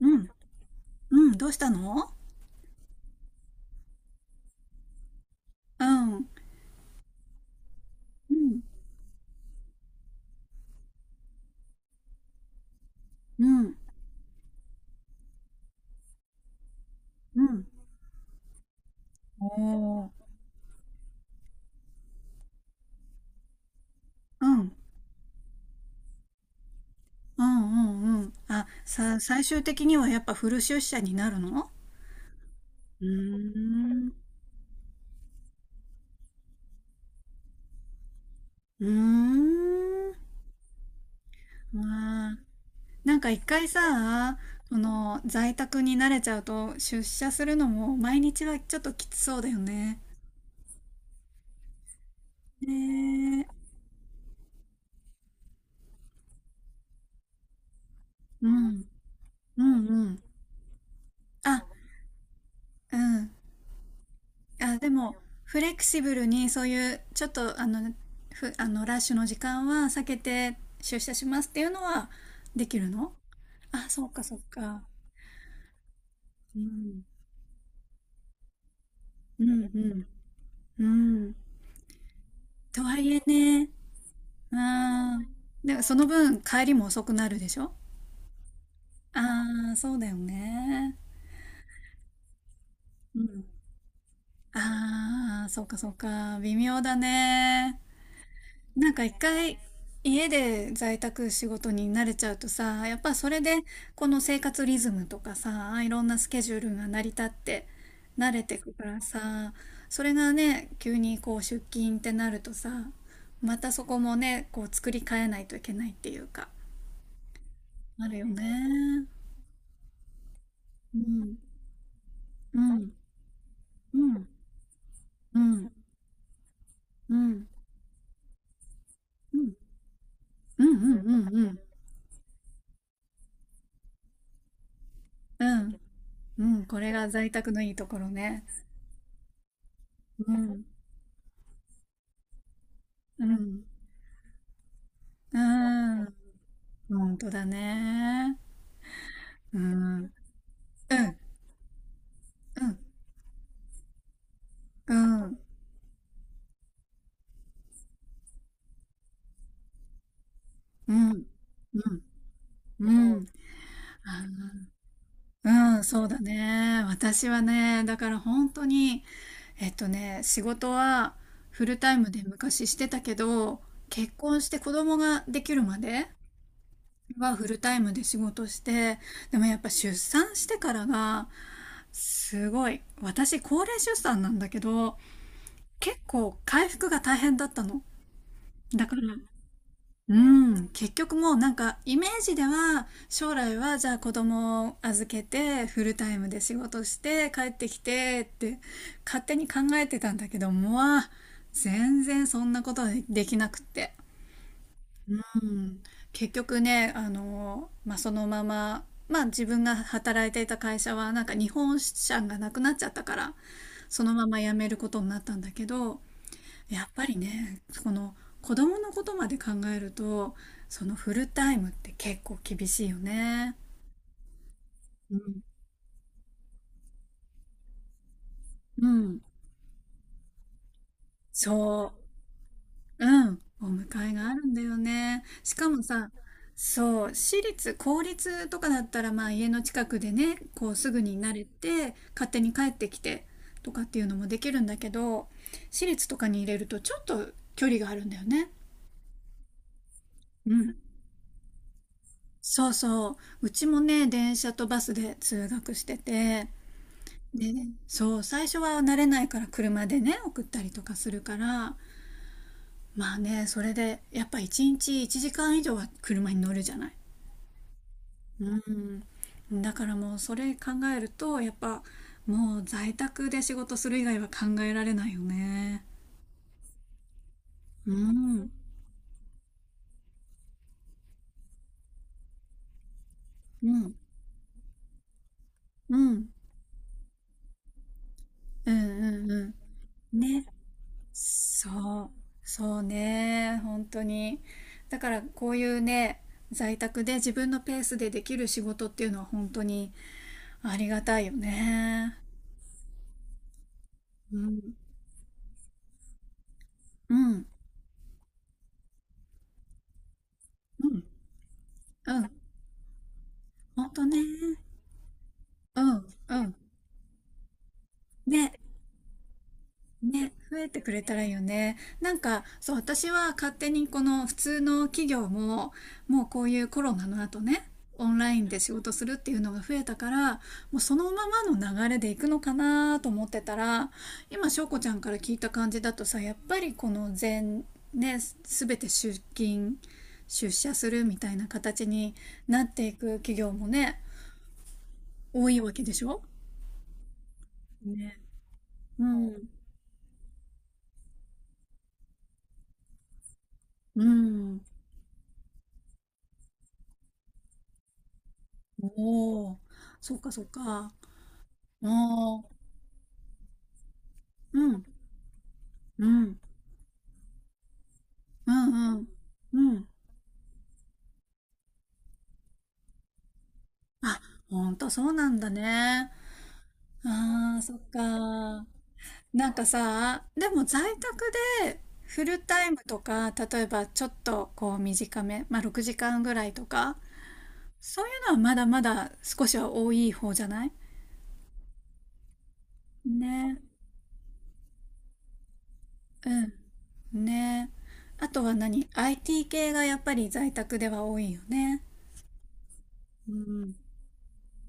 うん、うん、どうしたの？うん、うん、うん、うん。おー、うん、うん、うん、うん。最終的にはやっぱフル出社になるの？うーん、うーん。まあ、なんか一回さ、この在宅に慣れちゃうと出社するのも毎日はちょっときつそうだよね。ねえ、うん、うん、うん。あ、うん。あ、でも、フレキシブルにそういう、ちょっと、あの、あの、ラッシュの時間は避けて出社しますっていうのはできるの？あ、そうか、そうか。うん。うん、うん、うん。とはいえね、うん。でも、その分、帰りも遅くなるでしょ？ああー、そうだよね。うん。ああ、そうか、そうか。微妙だね。なんか一回家で在宅仕事に慣れちゃうとさ、やっぱそれでこの生活リズムとかさ、いろんなスケジュールが成り立って慣れてくからさ、それがね、急にこう出勤ってなるとさ、またそこもね、こう作り変えないといけないっていうか、あるよね。うん、うん、うん、うん、うん、うん、うん、うん、うん、うん、うん、うんこれが在宅のいいところね。うん、うん、うん。本当だね。うん。うん。うん。うん。うん。うん。うん。あ、うん、そうだね。私はね、だから本当に、えっとね、仕事はフルタイムで昔してたけど、結婚して子供ができるまではフルタイムで仕事して、でもやっぱ出産してからが、すごい。私、高齢出産なんだけど、結構回復が大変だったの。だから、うん、結局もうなんかイメージでは将来はじゃあ子供を預けてフルタイムで仕事して帰ってきてって勝手に考えてたんだけどもう全然そんなことはできなくって。うん、結局ね、あの、まあ、そのまま、まあ、自分が働いていた会社はなんか日本支社がなくなっちゃったからそのまま辞めることになったんだけど、やっぱりねこの子供のことまで考えるとそのフルタイムって結構厳しいよね。うん、うんそううんお迎えがあるんだよね。しかもさ、そう、私立公立とかだったらまあ家の近くでねこうすぐに慣れて勝手に帰ってきてとかっていうのもできるんだけど、私立とかに入れるとちょっと距離があるんだよね。うん、そうそう。うちもね、電車とバスで通学してて、ね、そう、最初は慣れないから車でね、送ったりとかするから、まあね、それで、やっぱ一日1時間以上は車に乗るじゃない。うん。だからもうそれ考えると、やっぱもう在宅で仕事する以外は考えられないよね。うん、うん、うん、うん、うん、うん。ね、そう、そうね、本当に。だからこういうね、在宅で自分のペースでできる仕事っていうのは本当にありがたいよね。うん。うん、うん、うん、ほんとね。うん、うん。ね、ね、増えてくれたらいいよね。なんか、そう、私は勝手にこの普通の企業も、もうこういうコロナの後ね、オンラインで仕事するっていうのが増えたから、もうそのままの流れでいくのかなと思ってたら、今、翔子ちゃんから聞いた感じだとさ、やっぱりこの全、ね、すべて出勤、出社するみたいな形になっていく企業もね、多いわけでしょ？ね、うん。うん。おお、そっかそっか。おお、うん、うん、うん、うん、うん。あ、ほんとそうなんだね。ああ、そっか。なんかさ、でも在宅でフルタイムとか、例えばちょっとこう短め、まあ6時間ぐらいとか、そういうのはまだまだ少しは多い方じゃない？ね。うん、ね。あとは何？ IT 系がやっぱり在宅では多いよね。うん、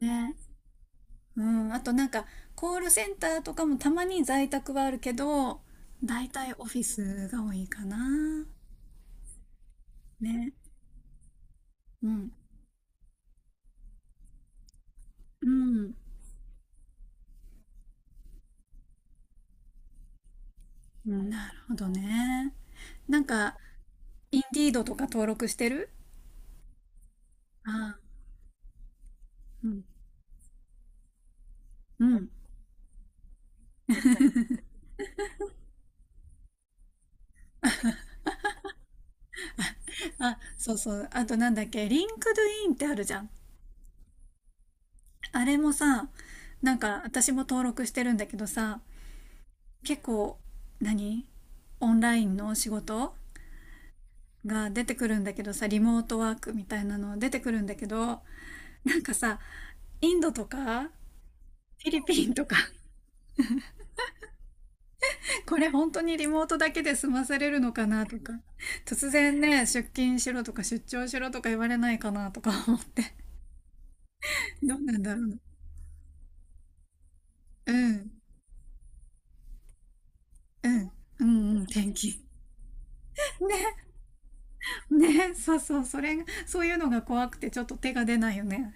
ね。うん、あとなんかコールセンターとかもたまに在宅はあるけど大体オフィスが多いかな。ね、うんうんうん、なるほどね。なんかインディードとか登録してる？ああ、うんうん。あ、そうそう、あとなんだっけ、リンクドインってあるじゃん。あれもさ、なんか私も登録してるんだけどさ、結構何、オンラインの仕事が出てくるんだけどさ、リモートワークみたいなの出てくるんだけど、なんかさ、インドとか、フィリピンとか、これ本当にリモートだけで済まされるのかなとか、突然ね、出勤しろとか出張しろとか言われないかなとか 思って、どうなんだろうな。うん、うん、うん、うん、天気。ね、ね、そうそう、それが、そういうのが怖くてちょっと手が出ないよね。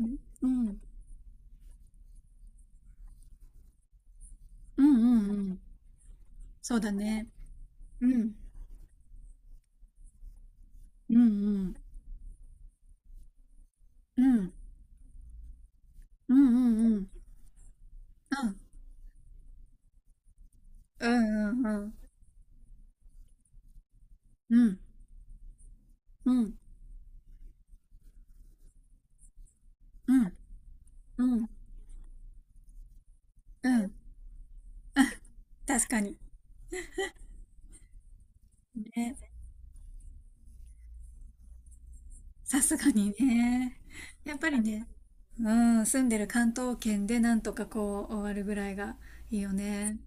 うん、うん、うん、うん、うんそうだね。うん、うん、うん、うん、うん、うん、うん。うんうんうんうん。うん。うん。うん。うん。確かに。ね。さすがにね。やっぱりね、うん、住んでる関東圏でなんとかこう終わるぐらいがいいよね。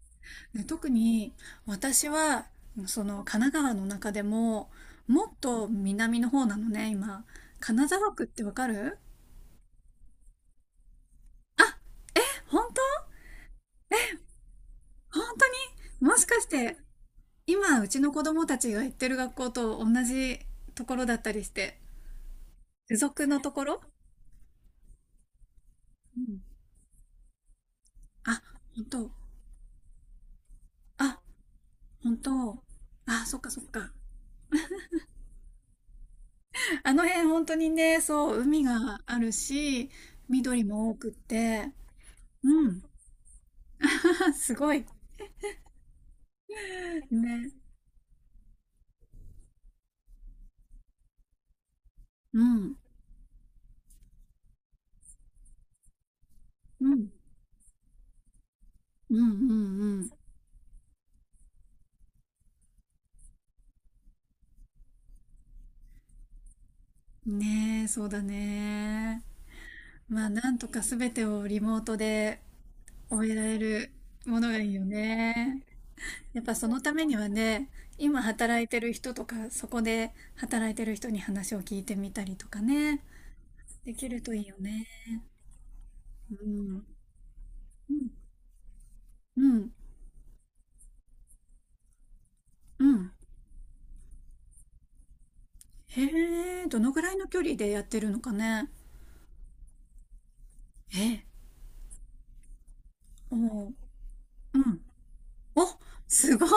ね、特に私は、その神奈川の中でも、もっと南の方なのね、今。金沢区ってわかる？あ、本当？本当にもしかして、今、うちの子供たちが行ってる学校と同じところだったりして。付属のところ。うん、あ、本当？あ、本当？あ、そっかそっか。あの辺本当にね、そう、海があるし、緑も多くって、うん。すごい。ね。うん。うん。うんうんうん。ねえ、そうだね。まあ、なんとかすべてをリモートで終えられるものがいいよね。やっぱそのためにはね、今働いてる人とか、そこで働いてる人に話を聞いてみたりとかね、できるといいよね。うん。うん。うん。へえ、どのぐらいの距離でやってるのかね。え、おう、うん。お、すごい。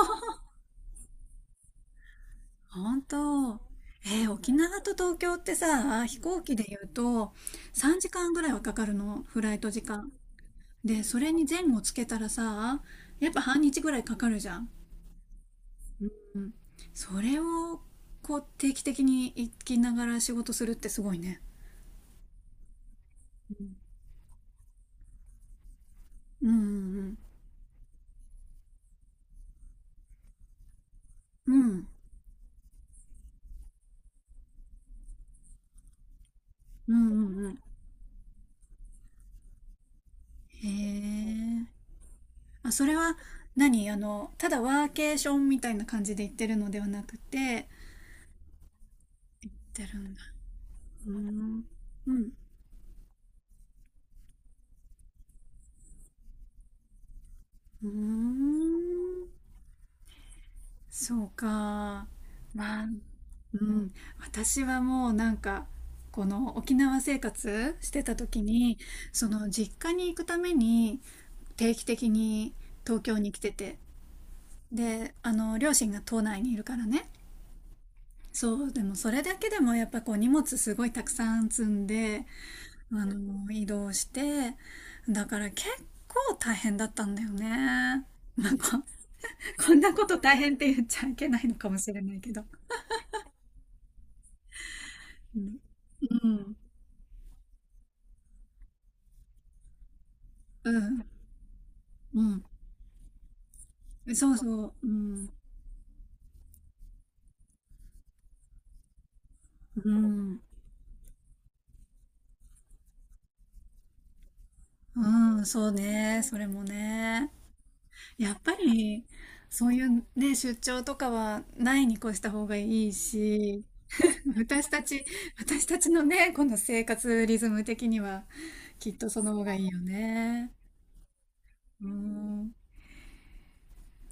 本当。えー、沖縄と東京ってさ、飛行機で言うと3時間ぐらいはかかるの、フライト時間。で、それに前後つけたらさ、やっぱ半日ぐらいかかるじゃん。うん、それをこう定期的に行きながら仕事するってすごいね。うんうんうんうんうんうんうん、へえ。あ、それは何、あのただワーケーションみたいな感じで行ってるのではなくて行ってるんだ？うーん、うん、うーん、そうか。まあ、うん、私はもうなんかこの沖縄生活してた時にその実家に行くために定期的に東京に来てて、であの両親が島内にいるからね、そう、でもそれだけでもやっぱこう荷物すごいたくさん積んであの移動してだから結構大変だったんだよね。まあ、こんなこと大変って言っちゃいけないのかもしれないけど。うん。うん。うんそうそう。うん。うん、うん、そうね、それもね。やっぱり、そういうね、出張とかはないに越した方がいいし、私たち、私たちのね、この生活リズム的には、きっとその方がいいよね。うん